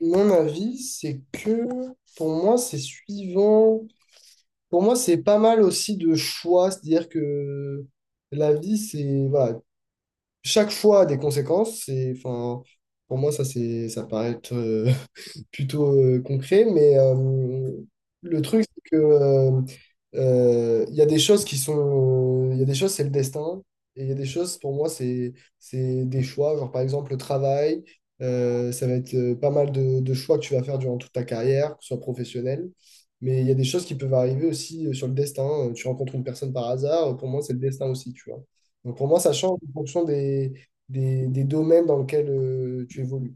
Mon avis, c'est que pour moi, c'est suivant. Pour moi, c'est pas mal aussi de choix. C'est-à-dire que la vie, c'est. Voilà. Chaque choix a des conséquences. C'est, enfin, pour moi, ça, c'est, ça paraît être. Plutôt concret, mais le truc, c'est que il y a des choses qui sont, il y a des choses, c'est le destin, et il y a des choses, pour moi, c'est des choix, genre par exemple le travail, ça va être pas mal de choix que tu vas faire durant toute ta carrière, que ce soit professionnelle, mais il y a des choses qui peuvent arriver aussi sur le destin. Tu rencontres une personne par hasard, pour moi, c'est le destin aussi, tu vois. Donc pour moi, ça change en fonction des domaines dans lesquels tu évolues.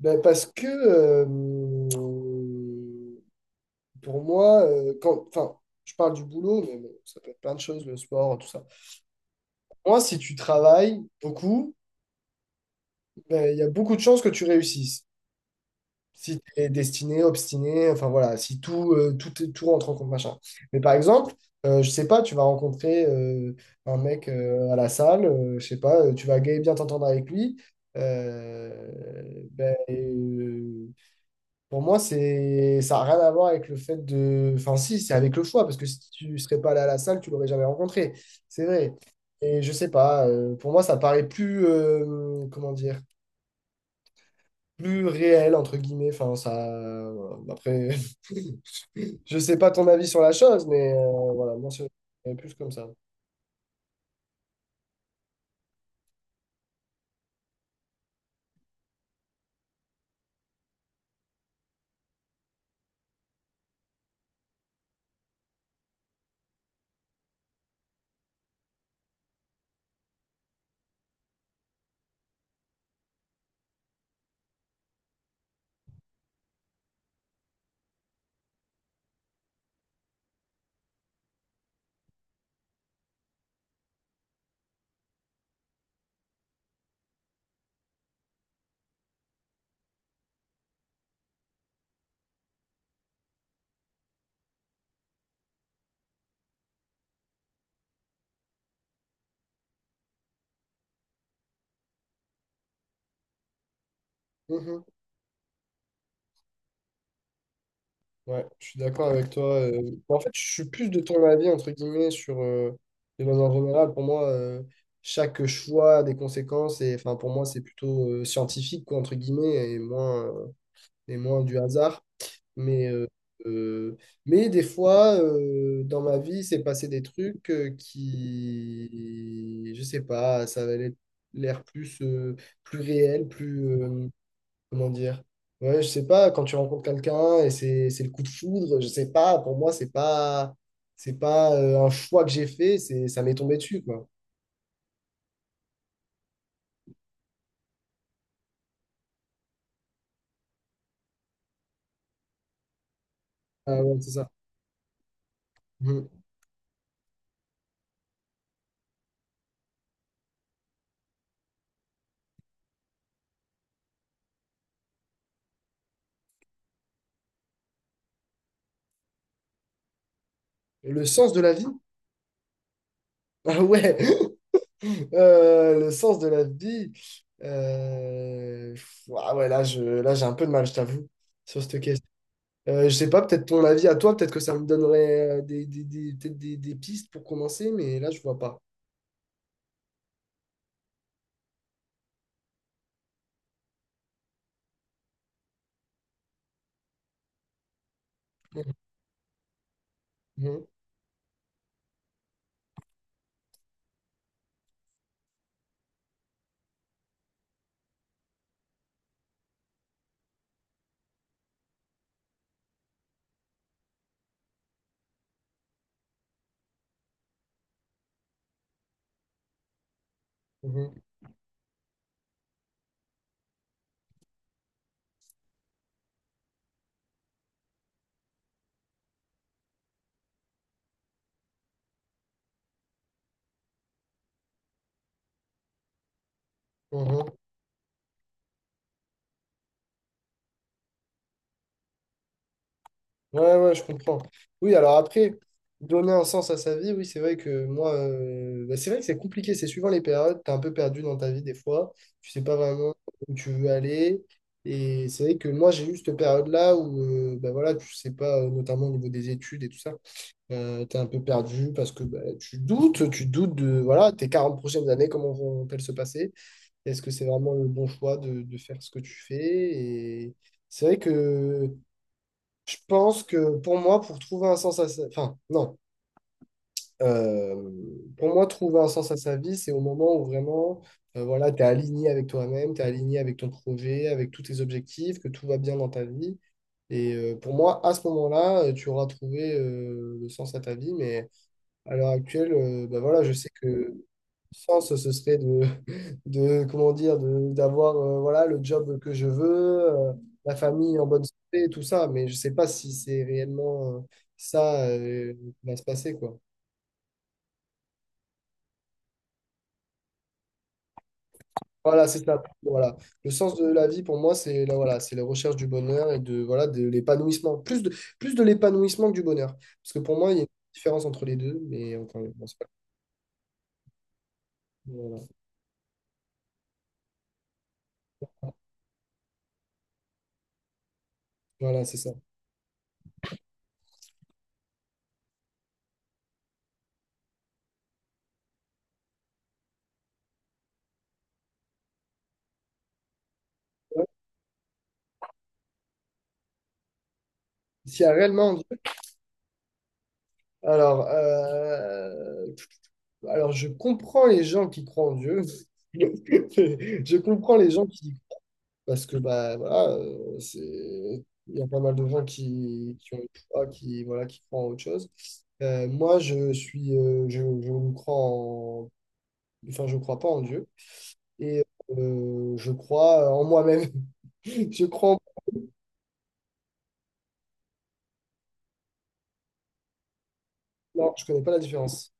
Ben, parce que pour moi, quand, enfin, je parle du boulot, mais bon, ça peut être plein de choses, le sport, tout ça. Pour moi, si tu travailles beaucoup, ben, il y a beaucoup de chances que tu réussisses. Si tu es destiné, obstiné, enfin voilà, si tout rentre en compte, machin. Mais par exemple, je sais pas, tu vas rencontrer un mec à la salle, je sais pas, tu vas bien t'entendre avec lui. euh, ben, pour moi, c'est, ça n'a rien à voir avec le fait de. Enfin, si, c'est avec le choix, parce que si tu ne serais pas allé à la salle, tu l'aurais jamais rencontré. C'est vrai. Et je sais pas, pour moi, ça paraît plus, comment dire, plus réel, entre guillemets. Enfin, ça. Voilà. Après, je sais pas ton avis sur la chose, mais voilà, moi, c'est plus comme ça. Mhm. Ouais, je suis d'accord avec toi. Bon, en fait, je suis plus de ton avis, entre guillemets, sur les lois en général. Pour moi, chaque choix a des conséquences. Et enfin, pour moi, c'est plutôt scientifique, quoi, entre guillemets, et moins du hasard. Mais, euh, euh, mais des fois, dans ma vie, c'est passé des trucs qui, je sais pas, ça avait l'air plus, plus réel, plus, comment dire? Ouais, je sais pas, quand tu rencontres quelqu'un et c'est le coup de foudre, je sais pas, pour moi, c'est pas un choix que j'ai fait, c'est ça m'est tombé dessus, quoi. Ah ouais, c'est ça. Mhm. Le sens de la vie? Ah ouais. Le sens de la vie. euh, Ah ouais, là, j'ai un peu de mal, je t'avoue, sur cette question. Je sais pas, peut-être ton avis à toi, peut-être que ça me donnerait peut-être des pistes pour commencer, mais là, je vois pas. Mhm. Mhm. Mhm. Ouais, ouais, je comprends. Oui, alors après, donner un sens à sa vie, oui, c'est vrai que moi, bah, c'est vrai que c'est compliqué, c'est suivant les périodes, t'es un peu perdu dans ta vie des fois, tu sais pas vraiment où tu veux aller, et c'est vrai que moi, j'ai eu cette période-là où, bah, voilà, tu sais pas, notamment au niveau des études et tout ça, t'es un peu perdu parce que bah, tu doutes de, voilà, tes 40 prochaines années, comment vont-elles se passer? Est-ce que c'est vraiment le bon choix de faire ce que tu fais? Et c'est vrai que... Je pense que pour moi, pour trouver un sens à sa... Enfin, non. Euh, pour moi, trouver un sens à sa vie, c'est au moment où vraiment, voilà, tu es aligné avec toi-même, tu es aligné avec ton projet, avec tous tes objectifs, que tout va bien dans ta vie. Et pour moi, à ce moment-là, tu auras trouvé le sens à ta vie. Mais à l'heure actuelle, bah voilà, je sais que sens, ce serait de, de comment dire, d'avoir voilà, le job que je veux, la famille en bonne santé, tout ça, mais je sais pas si c'est réellement ça qui va se passer, quoi. Voilà, c'est ça. Voilà. Le sens de la vie, pour moi, c'est la, voilà, c'est la recherche du bonheur et de, voilà, de l'épanouissement. Plus de l'épanouissement que du bonheur. Parce que pour moi, il y a une différence entre les deux, mais encore une fois, c'est pas- Voilà, Voilà, c'est ça. Ouais. S'il y a réellement. Alors, euh, alors, je comprends les gens qui croient en Dieu. Je comprends les gens qui... Parce que, bah, voilà, c'est... Il y a pas mal de gens qui ont une foi, qui, voilà, qui croient en autre chose. Moi, je suis... je ne crois en... Enfin, je crois pas en Dieu. Et je crois en moi-même. Je crois en... Non, je connais pas la différence.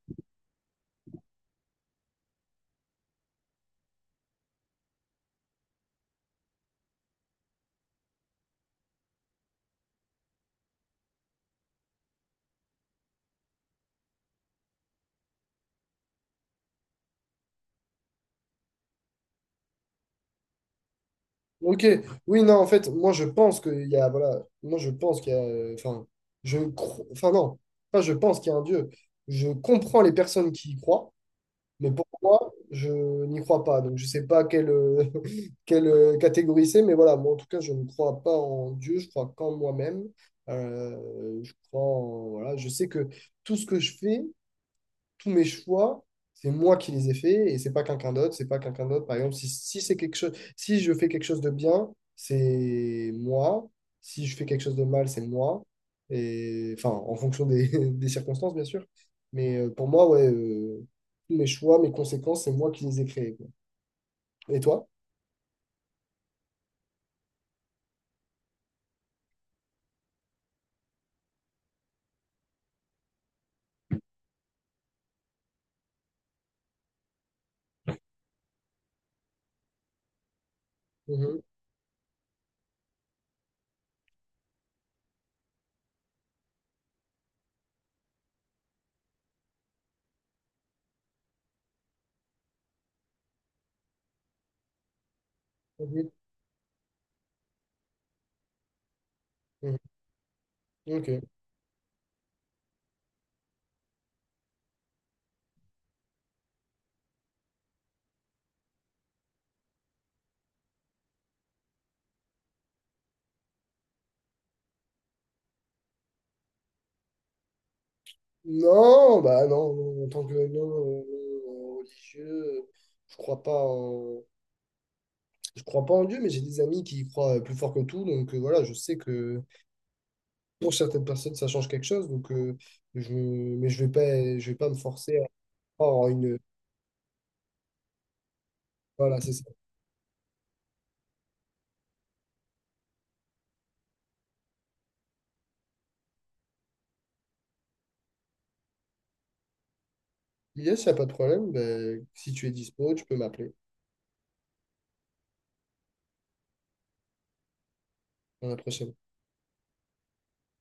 Ok, oui, non, en fait, moi je pense qu'il y a, voilà, moi je pense qu'il y a, enfin, je crois, enfin non, pas je pense qu'il y a un Dieu. Je comprends les personnes qui y croient, mais pour moi, je n'y crois pas. Donc je sais pas quelle, quelle catégorie c'est, mais voilà, moi en tout cas, je ne crois pas en Dieu, je crois qu'en moi-même. Je crois voilà, je sais que tout ce que je fais, tous mes choix, c'est moi qui les ai faits et c'est pas quelqu'un d'autre, c'est pas quelqu'un d'autre. Par exemple, si c'est quelque chose, si je fais quelque chose de bien, c'est moi. Si je fais quelque chose de mal, c'est moi. Et enfin, en fonction des, des circonstances, bien sûr. Mais pour moi, ouais, tous mes choix, mes conséquences, c'est moi qui les ai créés, quoi. Et toi? Mhm. Mhm. Mhm. Ok. Non, bah non, en tant que non, religieux, je crois pas en. Je crois pas en Dieu, mais j'ai des amis qui y croient plus fort que tout. Donc voilà, je sais que pour certaines personnes, ça change quelque chose. Donc, mais je vais pas me forcer à croire en une. Voilà, c'est ça. Yes, il n'y a pas de problème. Ben, si tu es dispo, tu peux m'appeler dans la prochaine.